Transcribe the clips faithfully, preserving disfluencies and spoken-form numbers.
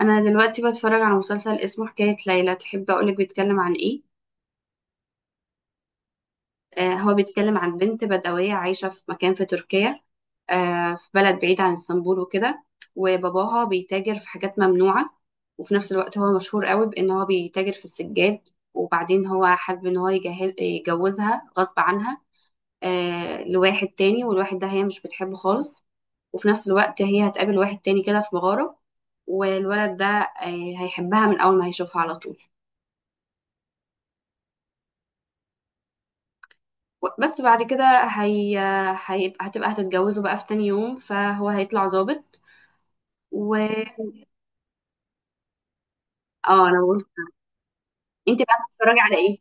انا دلوقتي بتفرج على مسلسل اسمه حكاية ليلى. تحب اقولك بيتكلم عن ايه؟ آه، هو بيتكلم عن بنت بدوية عايشة في مكان في تركيا، آه في بلد بعيد عن اسطنبول وكده. وباباها بيتاجر في حاجات ممنوعة، وفي نفس الوقت هو مشهور قوي بان هو بيتاجر في السجاد. وبعدين هو حابب ان هو يجهز يجوزها غصب عنها، آه لواحد تاني. والواحد ده هي مش بتحبه خالص. وفي نفس الوقت هي هتقابل واحد تاني كده في مغارة. والولد ده آه هيحبها من اول ما هيشوفها على طول. بس بعد كده هي... هيبقى هتبقى هتتجوزوا بقى في تاني يوم، فهو هيطلع ظابط و اه انا بقول انت بقى بتتفرجي على ايه؟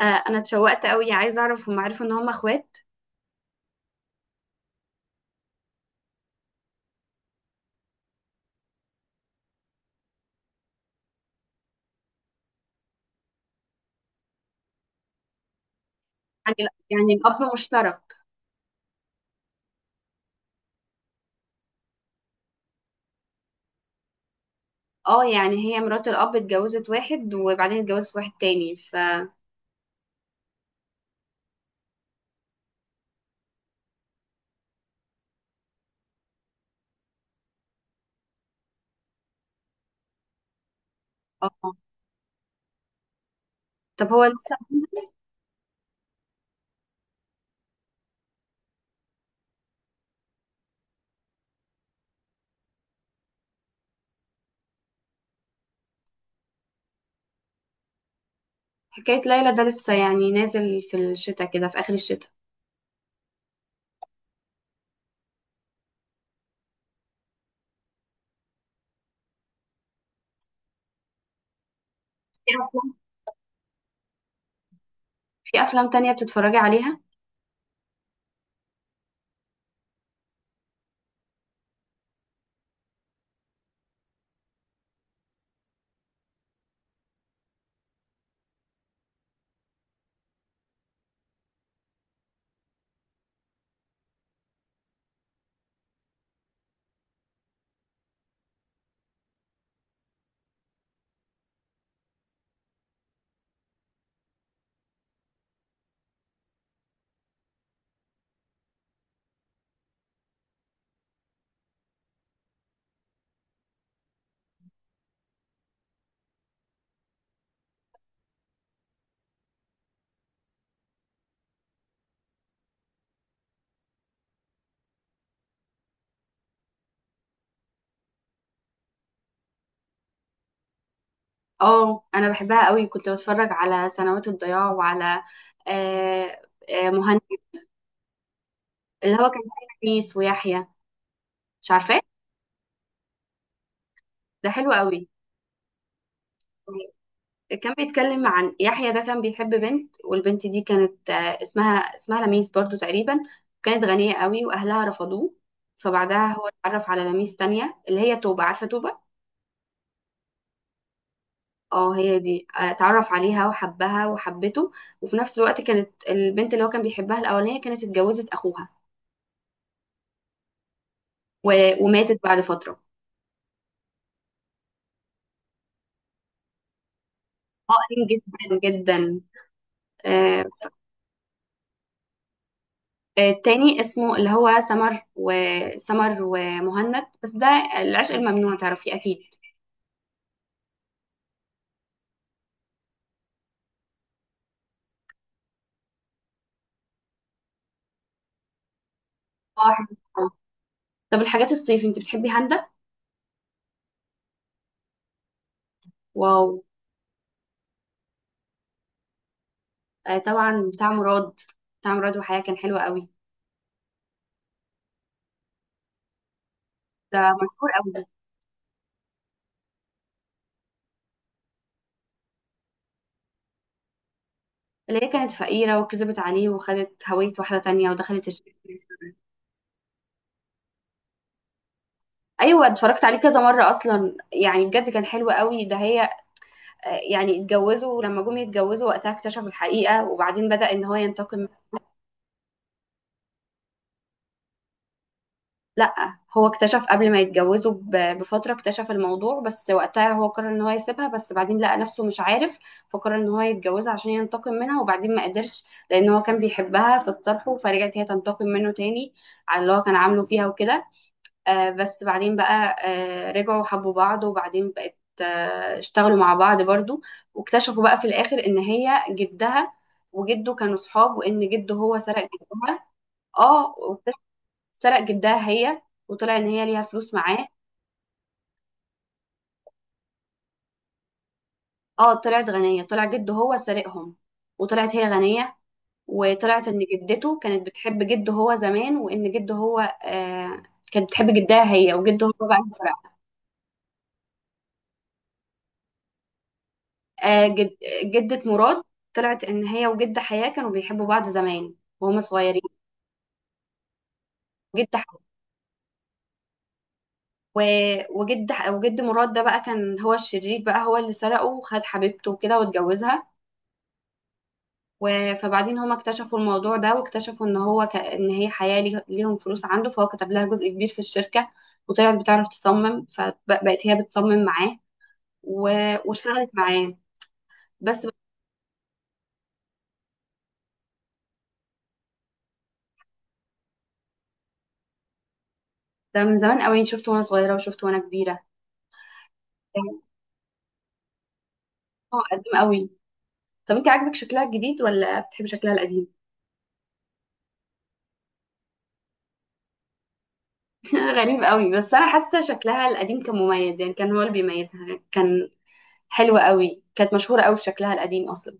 آه، انا اتشوقت قوي، عايزه اعرف هم عرفوا ان هم اخوات. يعني لا، يعني الاب مشترك. اه، يعني هي مرات الاب اتجوزت واحد وبعدين اتجوزت واحد تاني ف اه طب هو لسه. حكاية ليلى ده لسه يعني نازل في الشتاء كده، في آخر الشتاء. في أفلام في أفلام تانية بتتفرجي عليها؟ اه انا بحبها قوي، كنت بتفرج على سنوات الضياع وعلى آه، آه، مهند. اللي هو كان فيه أنيس ويحيى، مش عارفاه؟ ده حلو قوي. كان بيتكلم عن يحيى، ده كان بيحب بنت، والبنت دي كانت آه، اسمها اسمها لميس برضو تقريبا. كانت غنية قوي واهلها رفضوه. فبعدها هو اتعرف على لميس تانية اللي هي توبة، عارفة توبة؟ اه هي دي، آه، اتعرف عليها وحبها وحبته. وفي نفس الوقت كانت البنت اللي هو كان بيحبها الأولانية كانت اتجوزت أخوها، و- وماتت بعد فترة. حقن جدا جدا. آه، ف- آه، التاني اسمه اللي هو سمر وسمر ومهند. بس ده العشق الممنوع، تعرفيه أكيد. اه حلو. آه. طب الحاجات الصيف انت بتحبي هندة؟ واو. آه، طبعا بتاع مراد. بتاع مراد وحياة كان حلو قوي. ده مشهور قوي ده. اللي هي كانت فقيرة وكذبت عليه وخدت هوية واحدة تانية ودخلت الشركة. ايوه، اتفرجت عليه كذا مرة اصلا، يعني بجد كان حلو قوي. ده هي، آه، يعني اتجوزوا لما جم يتجوزوا وقتها اكتشف الحقيقة، وبعدين بدأ ان هو ينتقم. لا هو اكتشف قبل ما يتجوزوا ب- بفترة، اكتشف الموضوع، بس وقتها هو قرر ان هو يسيبها، بس بعدين لقى نفسه مش عارف. فقرر ان هو يتجوزها عشان ينتقم منها، وبعدين ما قدرش لان هو كان بيحبها. فاتصالحوا، فرجعت هي تنتقم منه تاني على اللي هو كان عامله فيها وكده. آه، بس بعدين بقى آه، رجعوا حبوا بعض، وبعدين بقت آه، اشتغلوا مع بعض برضو. واكتشفوا بقى في الآخر إن هي جدها وجده كانوا صحاب، وإن جده هو سرق جدها. اه واكتشف- سرق جدها هي، وطلع إن هي ليها فلوس معاه. اه طلعت غنية، طلع جده هو سرقهم وطلعت هي غنية. وطلعت إن جدته كانت بتحب جده هو زمان، وإن جده هو آه كانت بتحب جدها هي، وجده هو بقى اللي سرقها. آه، جد جدة مراد طلعت ان هي وجد حياة كانوا بيحبوا بعض زمان وهما صغيرين. جد ح... و... وجد ح... وجد مراد ده بقى كان هو الشرير، بقى هو اللي سرقه وخد حبيبته وكده واتجوزها. و... فبعدين هما اكتشفوا الموضوع ده، واكتشفوا ان هو ك... ان هي حياة ليه... ليهم فلوس عنده. فهو كتب لها جزء كبير في الشركة، وطلعت بتعرف تصمم، فبقت هي بتصمم معاه و... واشتغلت معاه. بس ده من زمان قوي، شفته وانا صغيرة وشفته وانا كبيرة. يعني هو قديم قوي. طب انت عاجبك شكلها الجديد ولا بتحبي شكلها القديم؟ غريب قوي، بس انا حاسه شكلها القديم كان مميز، يعني كان هو اللي بيميزها. كان حلو قوي، كانت مشهوره قوي بشكلها القديم اصلا.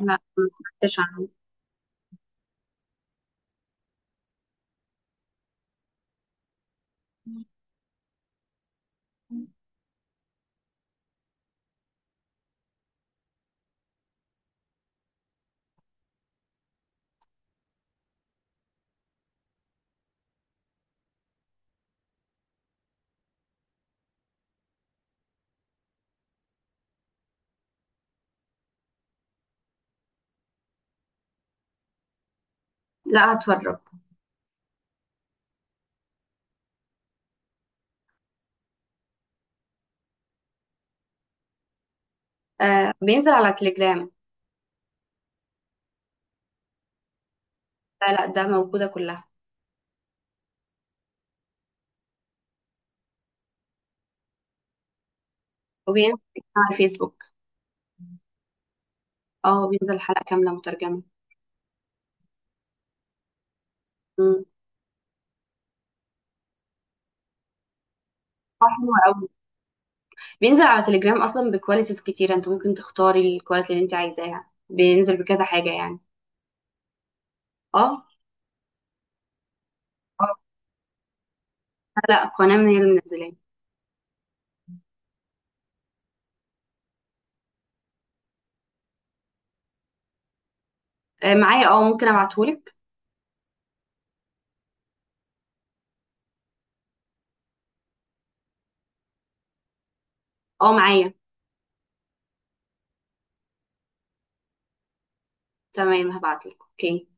لا، ما سمعتش عنه. لا، هتفرج. آه بينزل على تليجرام. لا لا، ده موجوده كلها. وبينزل على فيسبوك. اه بينزل حلقه كامله مترجمه. امم. آه، حلو قوي، بينزل على تليجرام اصلا بكواليتيز كتيره. انت ممكن تختاري الكواليتي اللي انت عايزاها، بينزل بكذا حاجه يعني. اه. اه لا، قناه من هي اللي منزلاه. آه، معايا. اه ممكن ابعتهولك. اه معايا. تمام، هبعتلك. اوكي.